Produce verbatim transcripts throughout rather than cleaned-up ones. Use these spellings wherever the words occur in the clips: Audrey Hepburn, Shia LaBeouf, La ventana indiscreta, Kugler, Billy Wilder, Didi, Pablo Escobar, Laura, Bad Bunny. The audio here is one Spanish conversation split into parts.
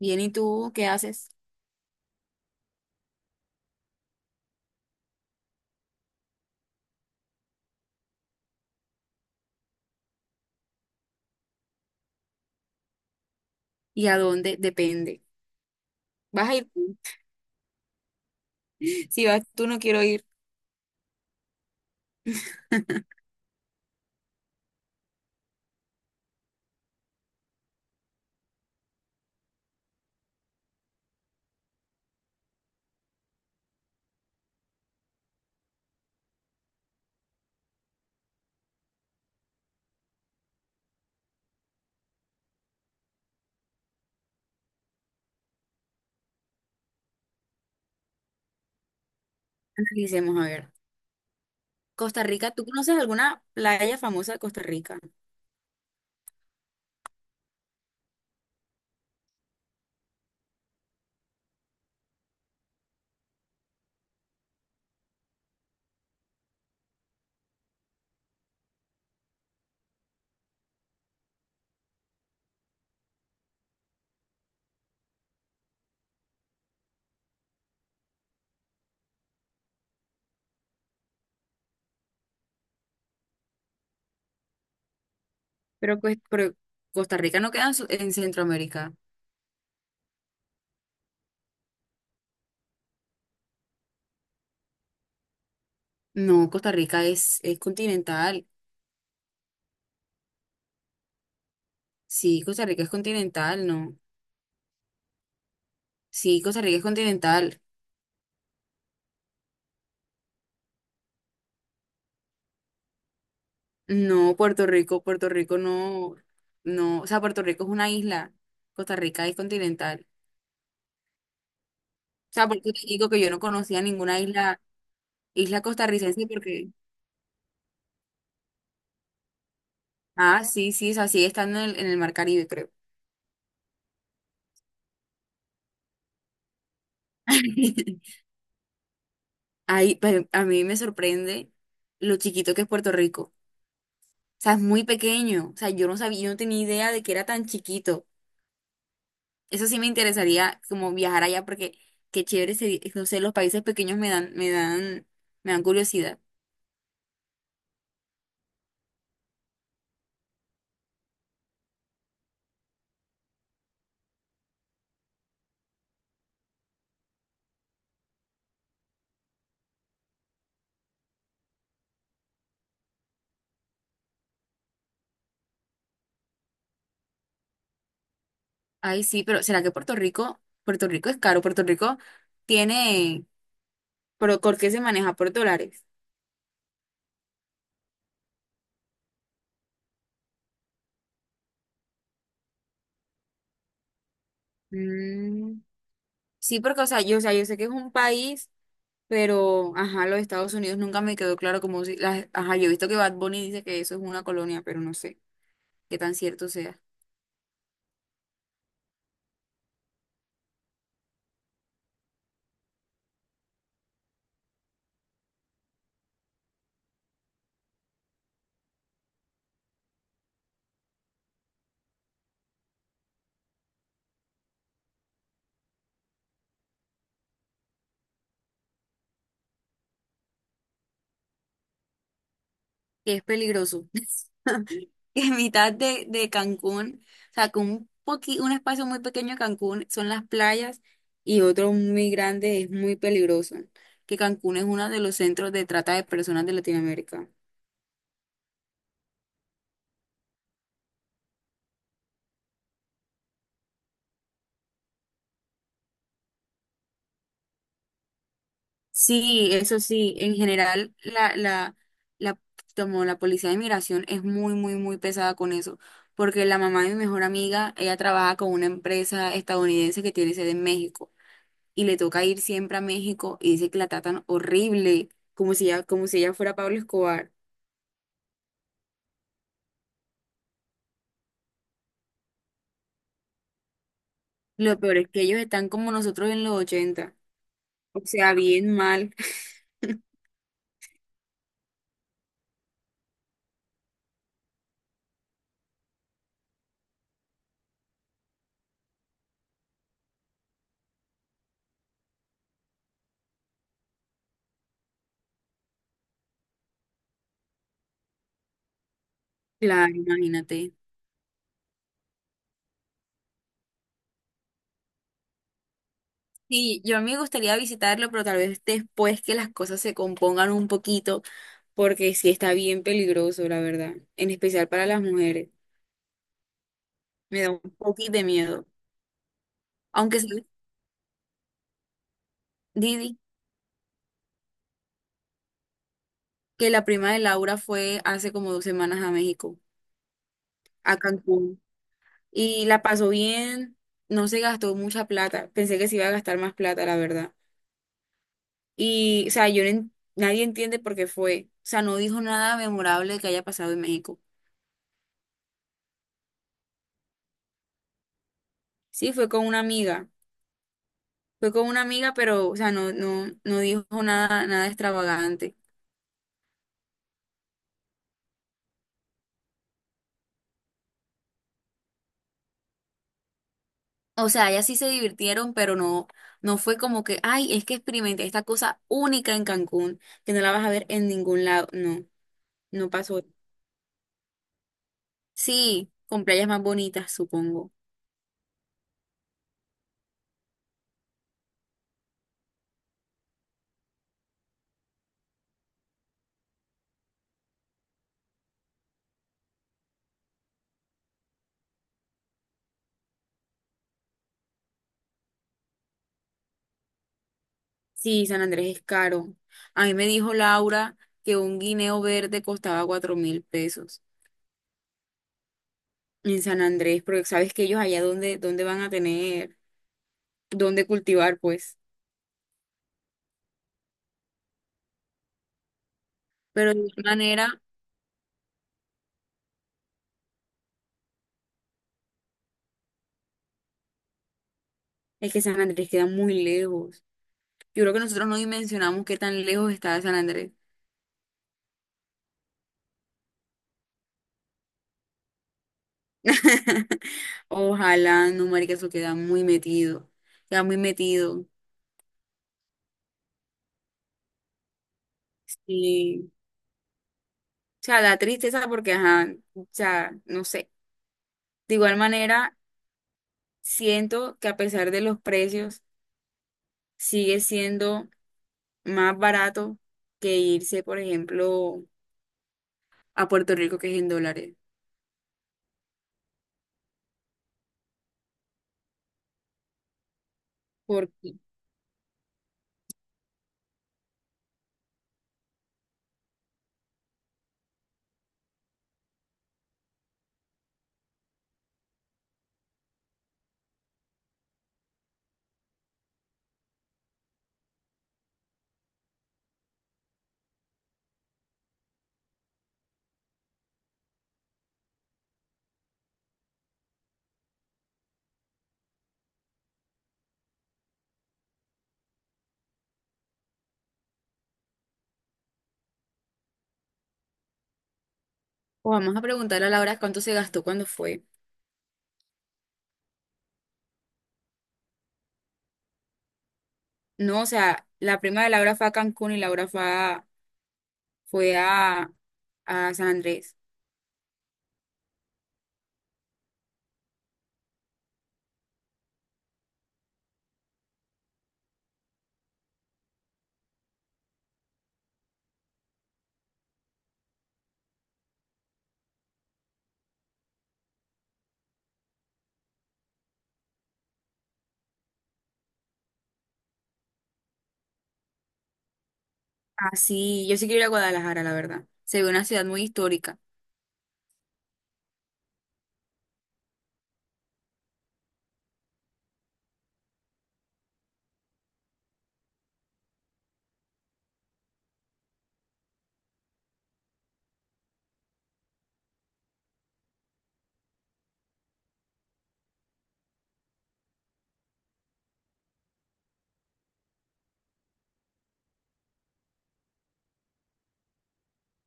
Bien, ¿y tú qué haces? ¿Y a dónde? Depende. ¿Vas a ir tú? Si vas tú, no quiero ir. Analicemos, a ver. Costa Rica, ¿tú conoces alguna playa famosa de Costa Rica? Pero, pues, pero Costa Rica no queda en, Su- en Centroamérica. No, Costa Rica es, es continental. Sí, Costa Rica es continental, no. Sí, Costa Rica es continental. No, Puerto Rico, Puerto Rico no, no. O sea, Puerto Rico es una isla. Costa Rica es continental. O sea, por eso te digo que yo no conocía ninguna isla Isla costarricense porque, ah, sí, sí, es así, estando en el, en el Mar Caribe, creo. Ahí, pero a mí me sorprende lo chiquito que es Puerto Rico. O sea, es muy pequeño. O sea, yo no sabía, yo no tenía idea de que era tan chiquito. Eso sí me interesaría como viajar allá porque qué chévere sería, no sé, los países pequeños me dan, me dan, me dan curiosidad. Ay, sí, pero ¿será que Puerto Rico, Puerto Rico es caro? Puerto Rico tiene, pero ¿por qué se maneja por dólares? Mm, sí, porque, o sea, yo, o sea, yo sé que es un país. Pero, ajá, los Estados Unidos nunca me quedó claro como si, las- ajá, yo he visto que Bad Bunny dice que eso es una colonia, pero no sé qué tan cierto sea. Que es peligroso. Que en mitad de, de Cancún, o sea, que un poqui, un espacio muy pequeño de Cancún son las playas y otro muy grande es muy peligroso. Que Cancún es uno de los centros de trata de personas de Latinoamérica. Sí, eso sí, en general la, la, la, como la policía de inmigración es muy, muy, muy pesada con eso, porque la mamá de mi mejor amiga, ella trabaja con una empresa estadounidense que tiene sede en México y le toca ir siempre a México y dice que la tratan horrible, como si ella, como si ella fuera Pablo Escobar. Lo peor es que ellos están como nosotros en los ochenta, o sea, bien mal. Claro, imagínate. Sí, yo a mí me gustaría visitarlo, pero tal vez después que las cosas se compongan un poquito, porque sí está bien peligroso, la verdad, en especial para las mujeres. Me da un poquito de miedo. Aunque sí, Didi, que la prima de Laura fue hace como dos semanas a México, a Cancún, y la pasó bien, no se gastó mucha plata. Pensé que se iba a gastar más plata, la verdad. Y, o sea, yo no en- nadie entiende por qué fue. O sea, no dijo nada memorable que haya pasado en México. Sí, fue con una amiga. Fue con una amiga, pero, o sea, no, no, no dijo nada, nada extravagante. O sea, ellas sí se divirtieron, pero no, no fue como que, ay, es que experimenté esta cosa única en Cancún, que no la vas a ver en ningún lado. No, no pasó. Sí, con playas más bonitas, supongo. Sí, San Andrés es caro. A mí me dijo Laura que un guineo verde costaba cuatro mil pesos en San Andrés, porque sabes que ellos allá donde, donde, van a tener, donde cultivar, pues. Pero de igual manera, es que San Andrés queda muy lejos. Yo creo que nosotros no dimensionamos qué tan lejos está de San Andrés. Ojalá, no, marica, eso queda muy metido. Queda muy metido. Sí. O sea, da tristeza porque, ajá, o sea, no sé. De igual manera, siento que a pesar de los precios, sigue siendo más barato que irse, por ejemplo, a Puerto Rico, que es en dólares. Porque, o vamos a preguntarle a Laura cuánto se gastó cuando fue. No, o sea, la prima de Laura fue a Cancún y Laura fue a, fue a, a San Andrés. Ah, sí, yo sí quiero ir a Guadalajara, la verdad. Se ve una ciudad muy histórica.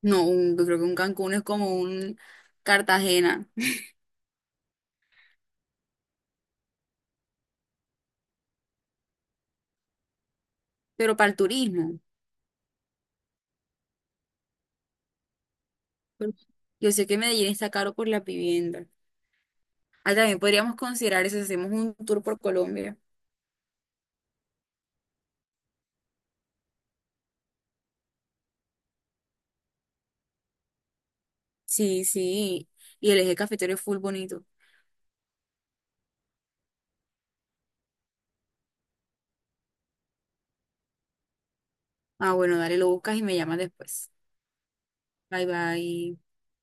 No, un- yo creo que un Cancún es como un Cartagena, pero para el turismo. Pero Yo sé que Medellín está caro por las viviendas. Ah, también podríamos considerar eso, si hacemos un tour por Colombia. Sí, sí. Y el eje cafetero es full bonito. Ah, bueno, dale, lo buscas y me llamas después. Bye, bye.